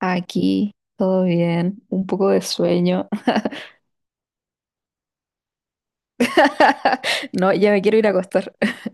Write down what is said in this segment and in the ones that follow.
Aquí, todo bien, un poco de sueño. No, ya me quiero ir a acostar.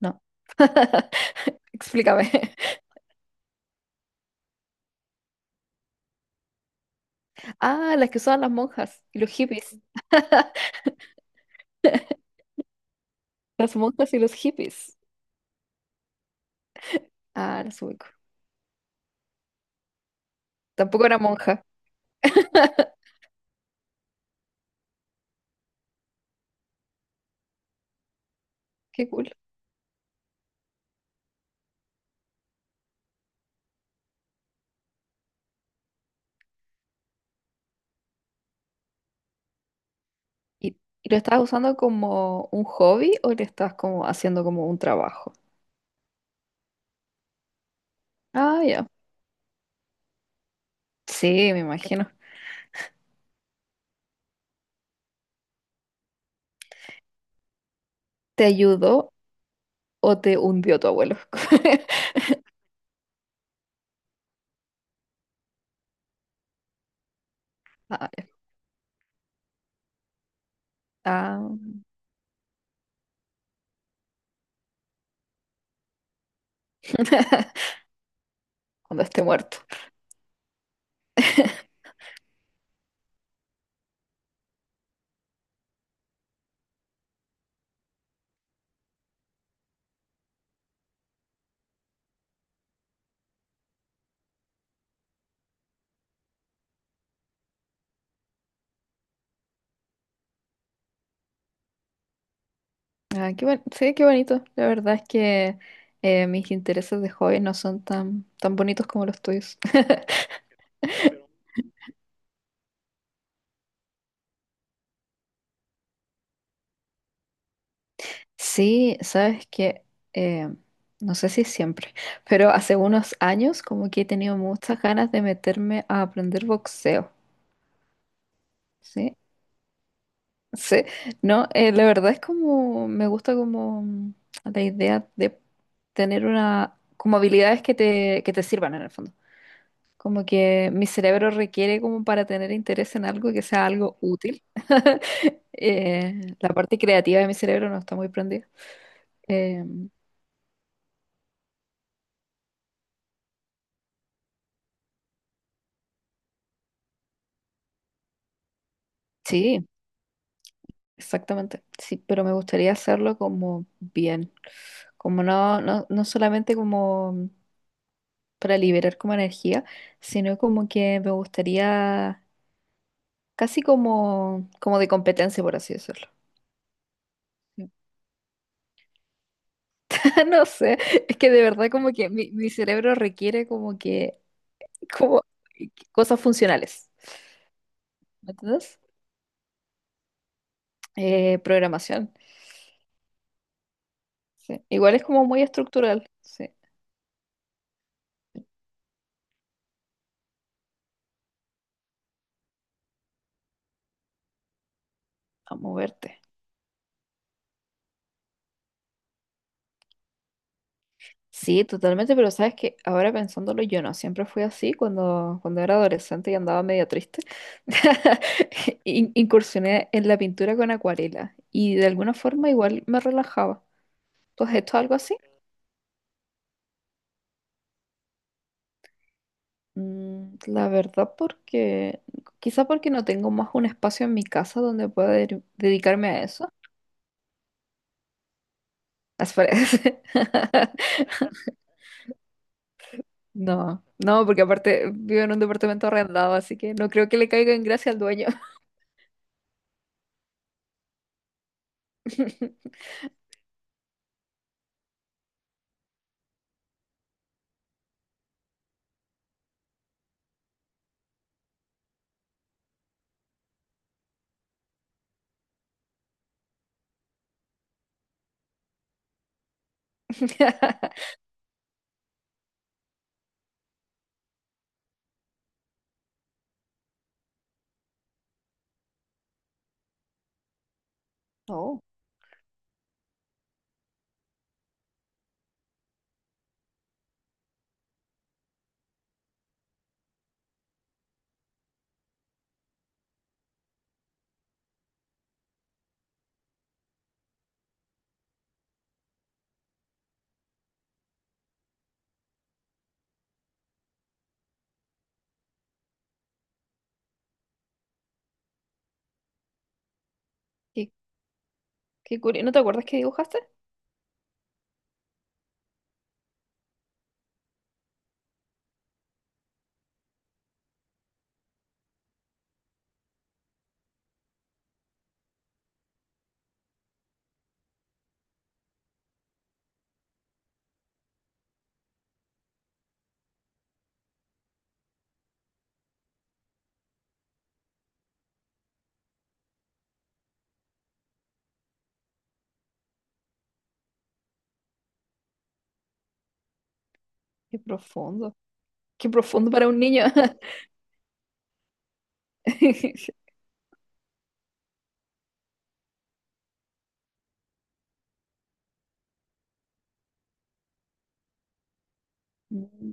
No. Explícame. Ah, las que usaban las monjas y los hippies. Las monjas y los hippies. Ah, las ubico. Tampoco era monja. Qué cool. ¿Y, y lo estabas usando como un hobby o lo estabas como haciendo como un trabajo? Ah, ya. Sí, me imagino. ¿Te ayudó o te hundió tu abuelo? Ah, ya. Ah. Cuando esté muerto. Ah, sí, qué bonito. La verdad es que mis intereses de hobby no son tan, tan bonitos como los tuyos. Sí, sabes que, eh, no sé si siempre, pero hace unos años como que he tenido muchas ganas de meterme a aprender boxeo. Sí, sí, no, la verdad es como, me gusta como la idea de tener una, como habilidades que te sirvan en el fondo. Como que mi cerebro requiere como para tener interés en algo que sea algo útil. La parte creativa de mi cerebro no está muy prendida. Eh, sí, exactamente. Sí, pero me gustaría hacerlo como bien. Como no, no, no solamente como para liberar como energía, sino como que me gustaría casi como, como de competencia, por así decirlo. No sé, es que de verdad como que mi cerebro requiere como que como cosas funcionales. ¿Me entiendes? Programación. Sí. Igual es como muy estructural. Sí, a moverte. Sí, totalmente, pero sabes que ahora pensándolo yo no, siempre fui así cuando, cuando era adolescente y andaba medio triste. Incursioné en la pintura con acuarela y de alguna forma igual me relajaba. ¿Tú has hecho algo así? La verdad porque quizá porque no tengo más un espacio en mi casa donde pueda dedicarme a eso. Las paredes. No, no, porque aparte vivo en un departamento arrendado, así que no creo que le caiga en gracia al dueño. Oh, qué, qué curioso. ¿No te acuerdas que dibujaste? Qué profundo. Qué profundo para un niño. Mm.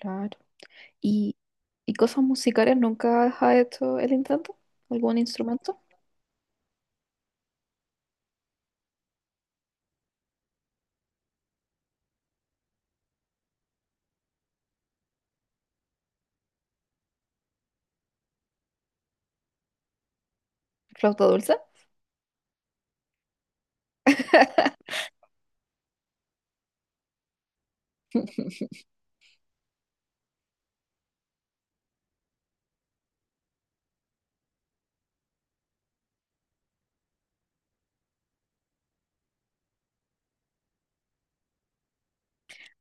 Claro. ¿Y, y cosas musicales nunca has hecho el intento? ¿Algún instrumento? ¿Flauta dulce?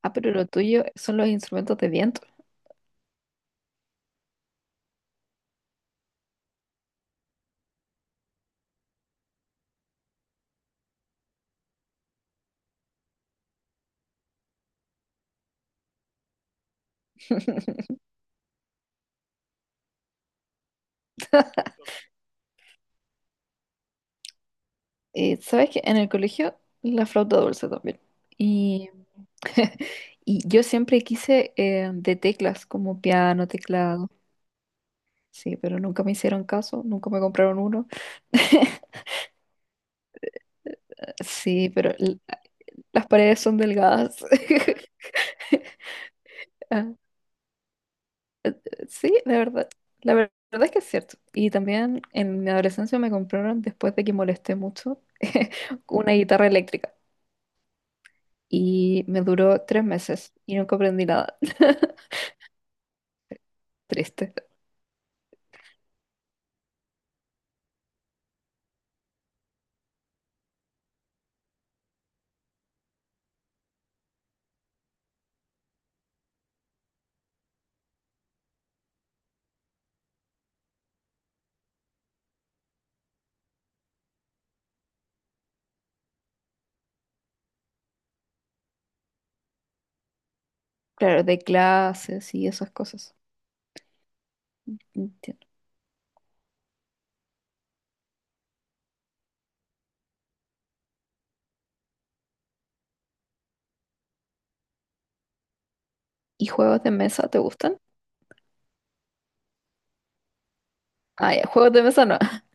Ah, pero lo tuyo son los instrumentos de viento. Sabes que en el colegio la flauta dulce también. Y, y yo siempre quise de teclas, como piano, teclado. Sí, pero nunca me hicieron caso, nunca me compraron uno. Sí, pero las paredes son delgadas. Ah. Sí, la verdad. Verdad es que es cierto. Y también en mi adolescencia me compraron, después de que molesté mucho, una guitarra eléctrica. Y me duró 3 meses y nunca aprendí nada. Triste. Claro, de clases y esas cosas. Entiendo. ¿Y juegos de mesa te gustan? Ah, ya, juegos de mesa no.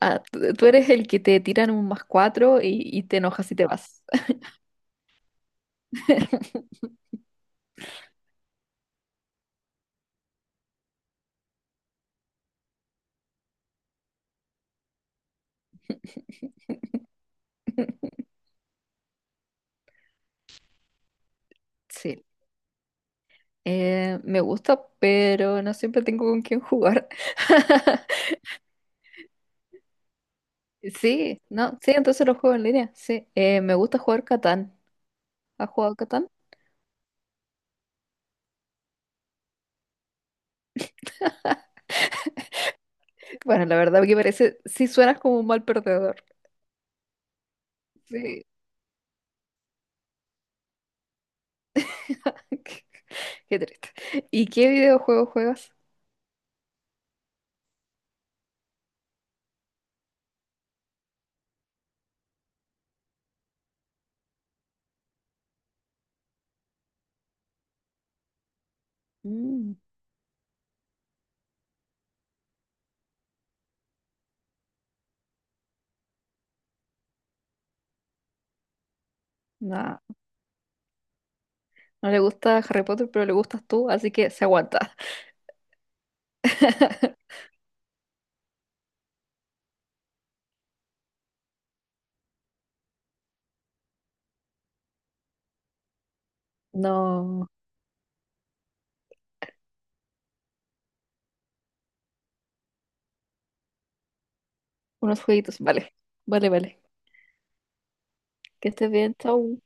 Ah, tú eres el que te tiran un +4 y te enojas y te vas. Sí. Me gusta, pero no siempre tengo con quién jugar. Sí, no, sí, entonces los juego en línea. Sí. Me gusta jugar Catán. ¿Has jugado Catán? Bueno, la verdad que parece, sí suenas como un mal perdedor. Sí. Qué, qué triste. ¿Y qué videojuego juegas? Mm, no. No le gusta Harry Potter, pero le gustas tú, así que se aguanta. No, unos jueguitos, vale. Vale, vale. Que estés bien, chao.